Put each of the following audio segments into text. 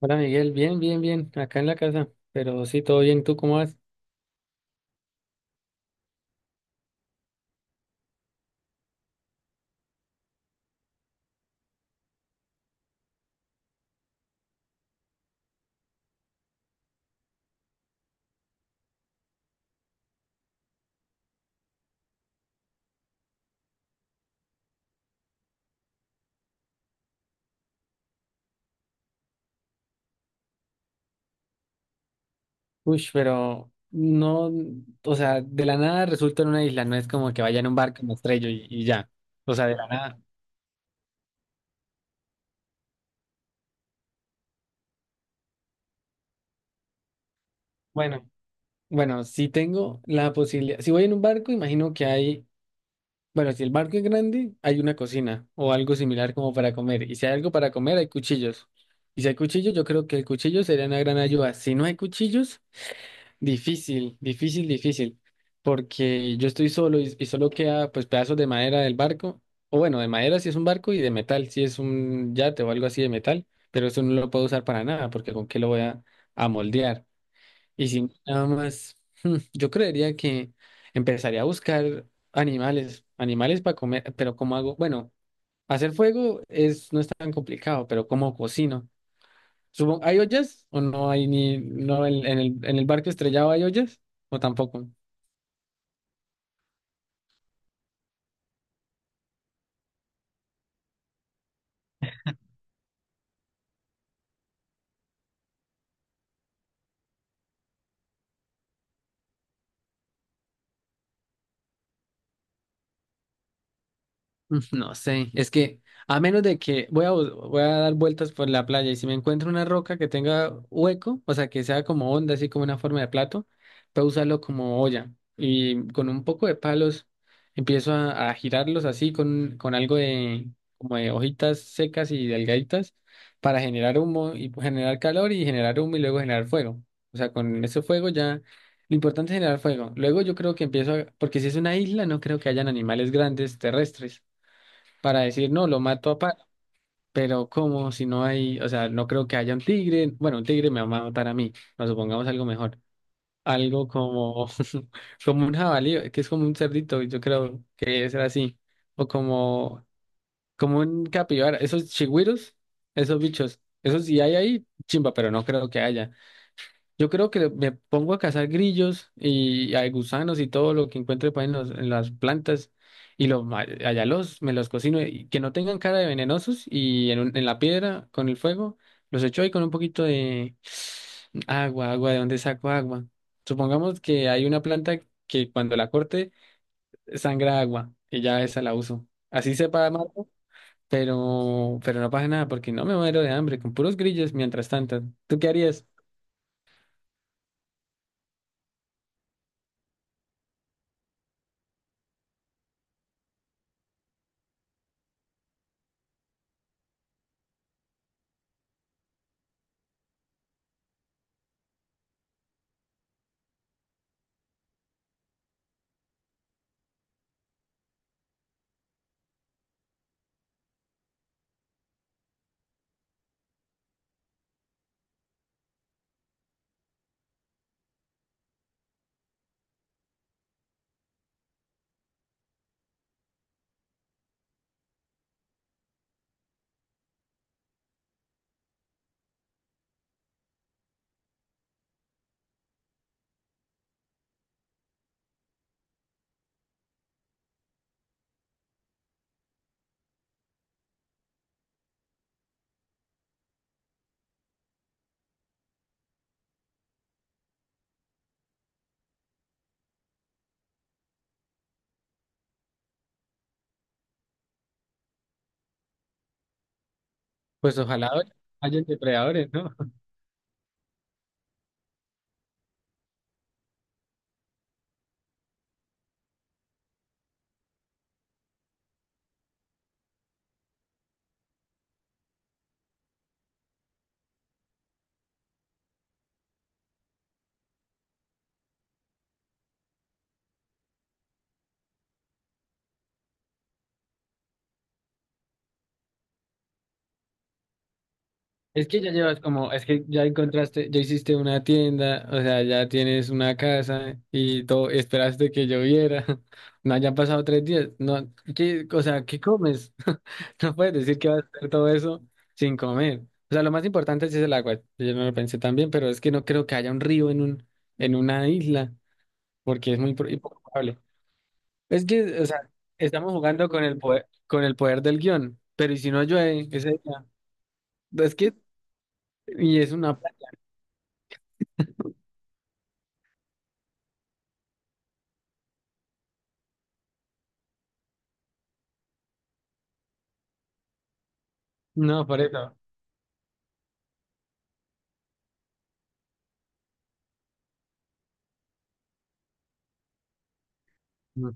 Hola Miguel, bien, bien, bien, acá en la casa, pero sí, todo bien, ¿tú cómo vas? Uy, pero no, o sea, de la nada resulta en una isla, no es como que vaya en un barco, me estrello y ya, o sea, de la nada. Bueno, bueno, si tengo la posibilidad, si voy en un barco, imagino que hay, bueno, si el barco es grande, hay una cocina o algo similar como para comer, y si hay algo para comer, hay cuchillos, y si hay cuchillos, yo creo que el cuchillo sería una gran ayuda, si no hay cuchillos. Difícil, difícil, difícil, porque yo estoy solo y solo queda, pues, pedazos de madera del barco, o, bueno, de madera si es un barco y de metal si es un yate o algo así de metal, pero eso no lo puedo usar para nada porque con qué lo voy a moldear. Y si nada más, yo creería que empezaría a buscar animales, animales para comer, pero ¿cómo hago? Bueno, hacer fuego es, no es tan complicado, pero ¿cómo cocino? Supongo, ¿hay ollas o no hay, ni no en el barco estrellado hay ollas o tampoco? No sé, es que, a menos de que voy a, voy a dar vueltas por la playa y si me encuentro una roca que tenga hueco, o sea, que sea como onda, así como una forma de plato, puedo usarlo como olla y con un poco de palos empiezo a girarlos así con algo de, como de, hojitas secas y delgaditas para generar humo y generar calor y generar humo y luego generar fuego. O sea, con ese fuego ya. Lo importante es generar fuego. Luego yo creo que empiezo a. Porque si es una isla, no creo que hayan animales grandes terrestres para decir, no, lo mato a palo. Pero ¿cómo, si no hay, o sea, no creo que haya un tigre? Bueno, un tigre me va a matar a mí, nos supongamos algo mejor. Algo como, como un jabalí, que es como un cerdito, yo creo que es así. O como, como un capibara, esos chigüiros, esos bichos, esos sí hay ahí, chimba, pero no creo que haya. Yo creo que me pongo a cazar grillos y a gusanos y todo lo que encuentre, pues, en las plantas y los, ma- allá los, me los cocino y que no tengan cara de venenosos y, en la piedra con el fuego los echo ahí con un poquito de agua, agua, ¿de dónde saco agua? Supongamos que hay una planta que, cuando la corte, sangra agua, y ya esa la uso. Así sepa amargo, pero no pasa nada porque no me muero de hambre con puros grillos mientras tanto. ¿Tú qué harías? Pues ojalá hayan depredadores, ¿no? Es que ya llevas como, es que ya encontraste, ya hiciste una tienda, o sea, ya tienes una casa y todo, esperaste que lloviera, no hayan pasado 3 días, no, qué, o sea, ¿qué comes? No puedes decir que vas a hacer todo eso sin comer. O sea, lo más importante sí es el agua, yo no lo pensé tan bien, pero es que no creo que haya un río en una isla, porque es muy y poco probable. Es que, o sea, estamos jugando con el poder del guión, pero ¿y si no llueve ese día? Es que, y es una pareja, ¿no?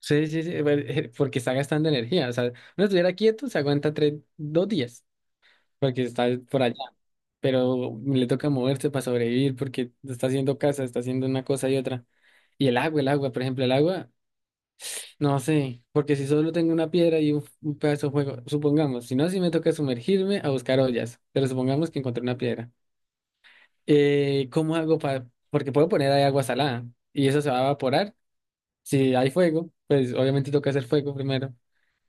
Sí, sí, sí, porque está gastando energía. O sea, uno estuviera quieto, se aguanta 3, 2 días, porque está por allá. Pero le toca moverse para sobrevivir, porque está haciendo casa, está haciendo una cosa y otra. Y el agua, por ejemplo, el agua, no sé, porque si solo tengo una piedra y un, pedazo de fuego, supongamos, si no, si me toca sumergirme a buscar ollas, pero supongamos que encontré una piedra. ¿Cómo hago para? Porque puedo poner ahí agua salada y eso se va a evaporar. Si hay fuego, pues obviamente toca hacer fuego primero.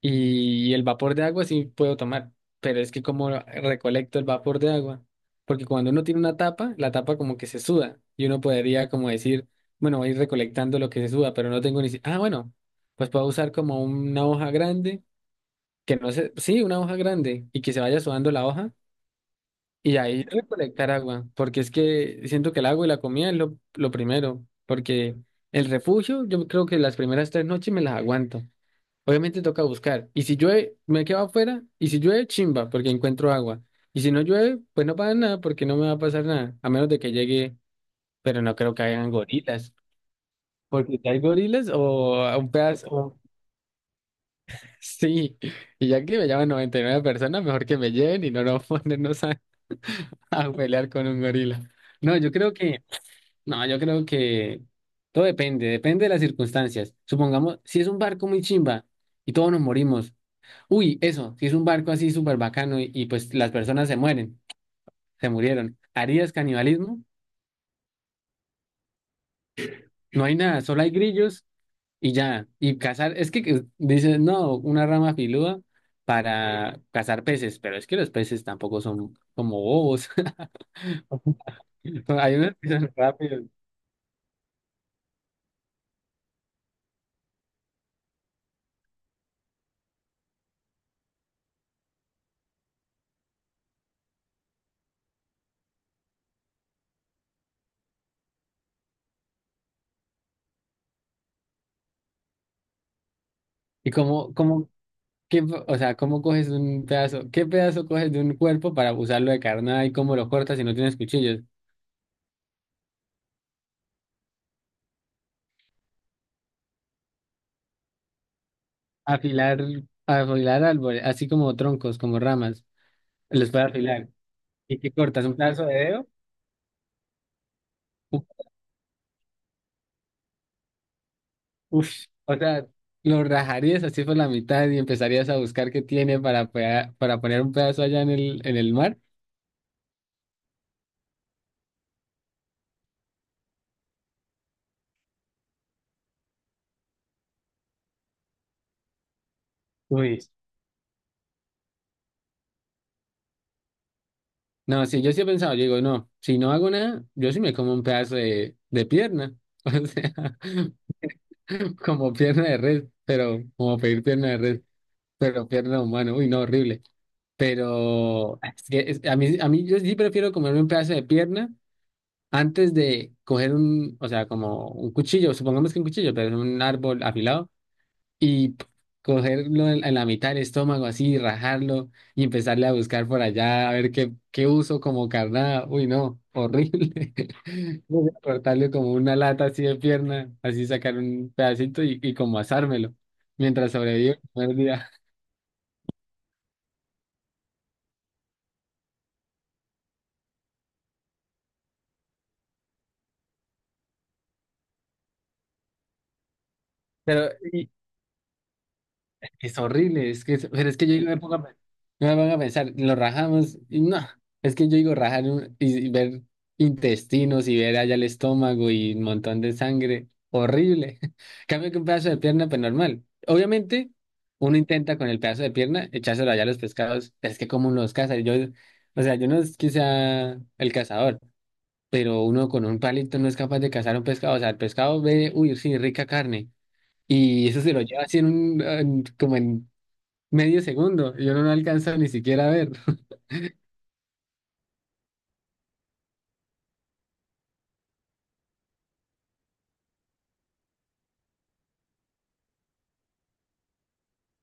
Y el vapor de agua sí puedo tomar, pero es que como recolecto el vapor de agua, porque cuando uno tiene una tapa, la tapa como que se suda y uno podría como decir, bueno, voy a ir recolectando lo que se suda, pero no tengo ni. Ah, bueno, pues puedo usar como una hoja grande, que no sé, sí, una hoja grande, y que se vaya sudando la hoja, y ahí recolectar agua, porque es que siento que el agua y la comida es lo primero, porque el refugio, yo creo que las primeras 3 noches me las aguanto. Obviamente toca buscar. Y si llueve, me quedo afuera. Y si llueve, chimba, porque encuentro agua. Y si no llueve, pues no pasa nada, porque no me va a pasar nada, a menos de que llegue, pero no creo que hayan gorilas, porque si hay gorilas, o un pedazo. Sí, y ya que me llaman 99 personas, mejor que me lleven y no nos ponernos a, a pelear con un gorila. No, yo creo que, no, yo creo que todo depende, depende de las circunstancias. Supongamos, si es un barco muy chimba y todos nos morimos. Uy, eso, si es un barco así súper bacano y, pues las personas se mueren, se murieron. ¿Harías canibalismo? No hay nada, solo hay grillos. Y ya, y cazar, es que dices, no, una rama filuda para cazar peces, pero es que los peces tampoco son como bobos. Hay unos que son rápidos. Y cómo qué, o sea, ¿cómo coges un pedazo? ¿Qué pedazo coges de un cuerpo para usarlo de carnada, y cómo lo cortas si no tienes cuchillos? Afilar, afilar árboles, así como troncos, como ramas, los puedes afilar. ¿Y qué cortas? ¿Un pedazo de dedo? Uf, o sea, lo rajarías así por la mitad y empezarías a buscar qué tiene para, para poner un pedazo allá en el mar. Uy. No, sí, yo sí he pensado, yo digo, no, si no hago nada, yo sí me como un pedazo de pierna. O sea, como pierna de res, pero como pedir pierna de res, pero pierna humana, uy, no, horrible. Pero es que a mí, yo sí prefiero comerme un pedazo de pierna antes de coger un, o sea, como un cuchillo, supongamos que un cuchillo, pero es un árbol afilado y cogerlo en la mitad del estómago, así, rajarlo y empezarle a buscar por allá a ver qué uso como carnada. Uy, no, horrible. Voy a cortarle como una lata así de pierna, así sacar un pedacito y, como asármelo mientras sobrevivo el primer día. Pero, es horrible, es que, pero es que yo digo, me pongo a, yo me pongo a pensar, lo rajamos y no, es que yo digo rajar y ver intestinos y ver allá el estómago y un montón de sangre, horrible. Cambio que un pedazo de pierna, pues normal. Obviamente, uno intenta con el pedazo de pierna echárselo allá a los pescados, pero es que como uno los caza, yo, o sea, yo no es que sea el cazador, pero uno con un palito no es capaz de cazar un pescado, o sea, el pescado ve, uy, sí, rica carne, y eso se lo lleva así en un, como en medio segundo, yo no lo alcanzo ni siquiera a ver.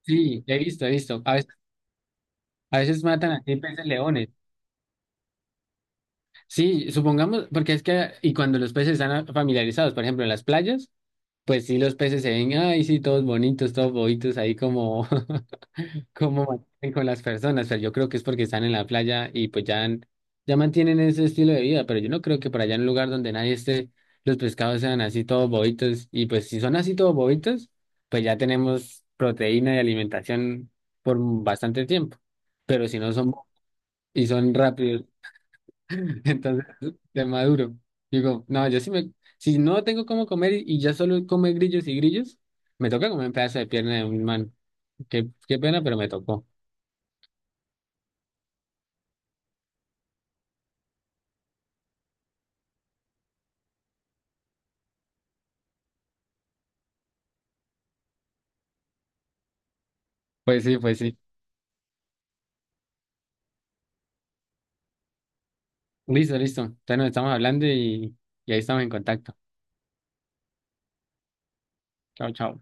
Sí, he visto, he visto. A veces matan a peces leones. Sí, supongamos, porque es que, y cuando los peces están familiarizados, por ejemplo, en las playas, pues sí, los peces se ven, ay, sí, todos bonitos, todos bobitos, ahí como cómo mantienen con las personas, pero yo creo que es porque están en la playa y, pues, ya, ya mantienen ese estilo de vida, pero yo no creo que por allá, en un lugar donde nadie esté, los pescados sean así todos bobitos, y pues si son así todos bobitos, pues ya tenemos proteína y alimentación por bastante tiempo, pero si no son y son rápidos, entonces de maduro, digo, no, yo sí me, si no tengo cómo comer y, ya solo come grillos y grillos, me toca comer un pedazo de pierna de un man, qué, pena, pero me tocó. Pues sí, pues sí. Listo, listo. Entonces nos estamos hablando y, ahí estamos en contacto. Chao, chao.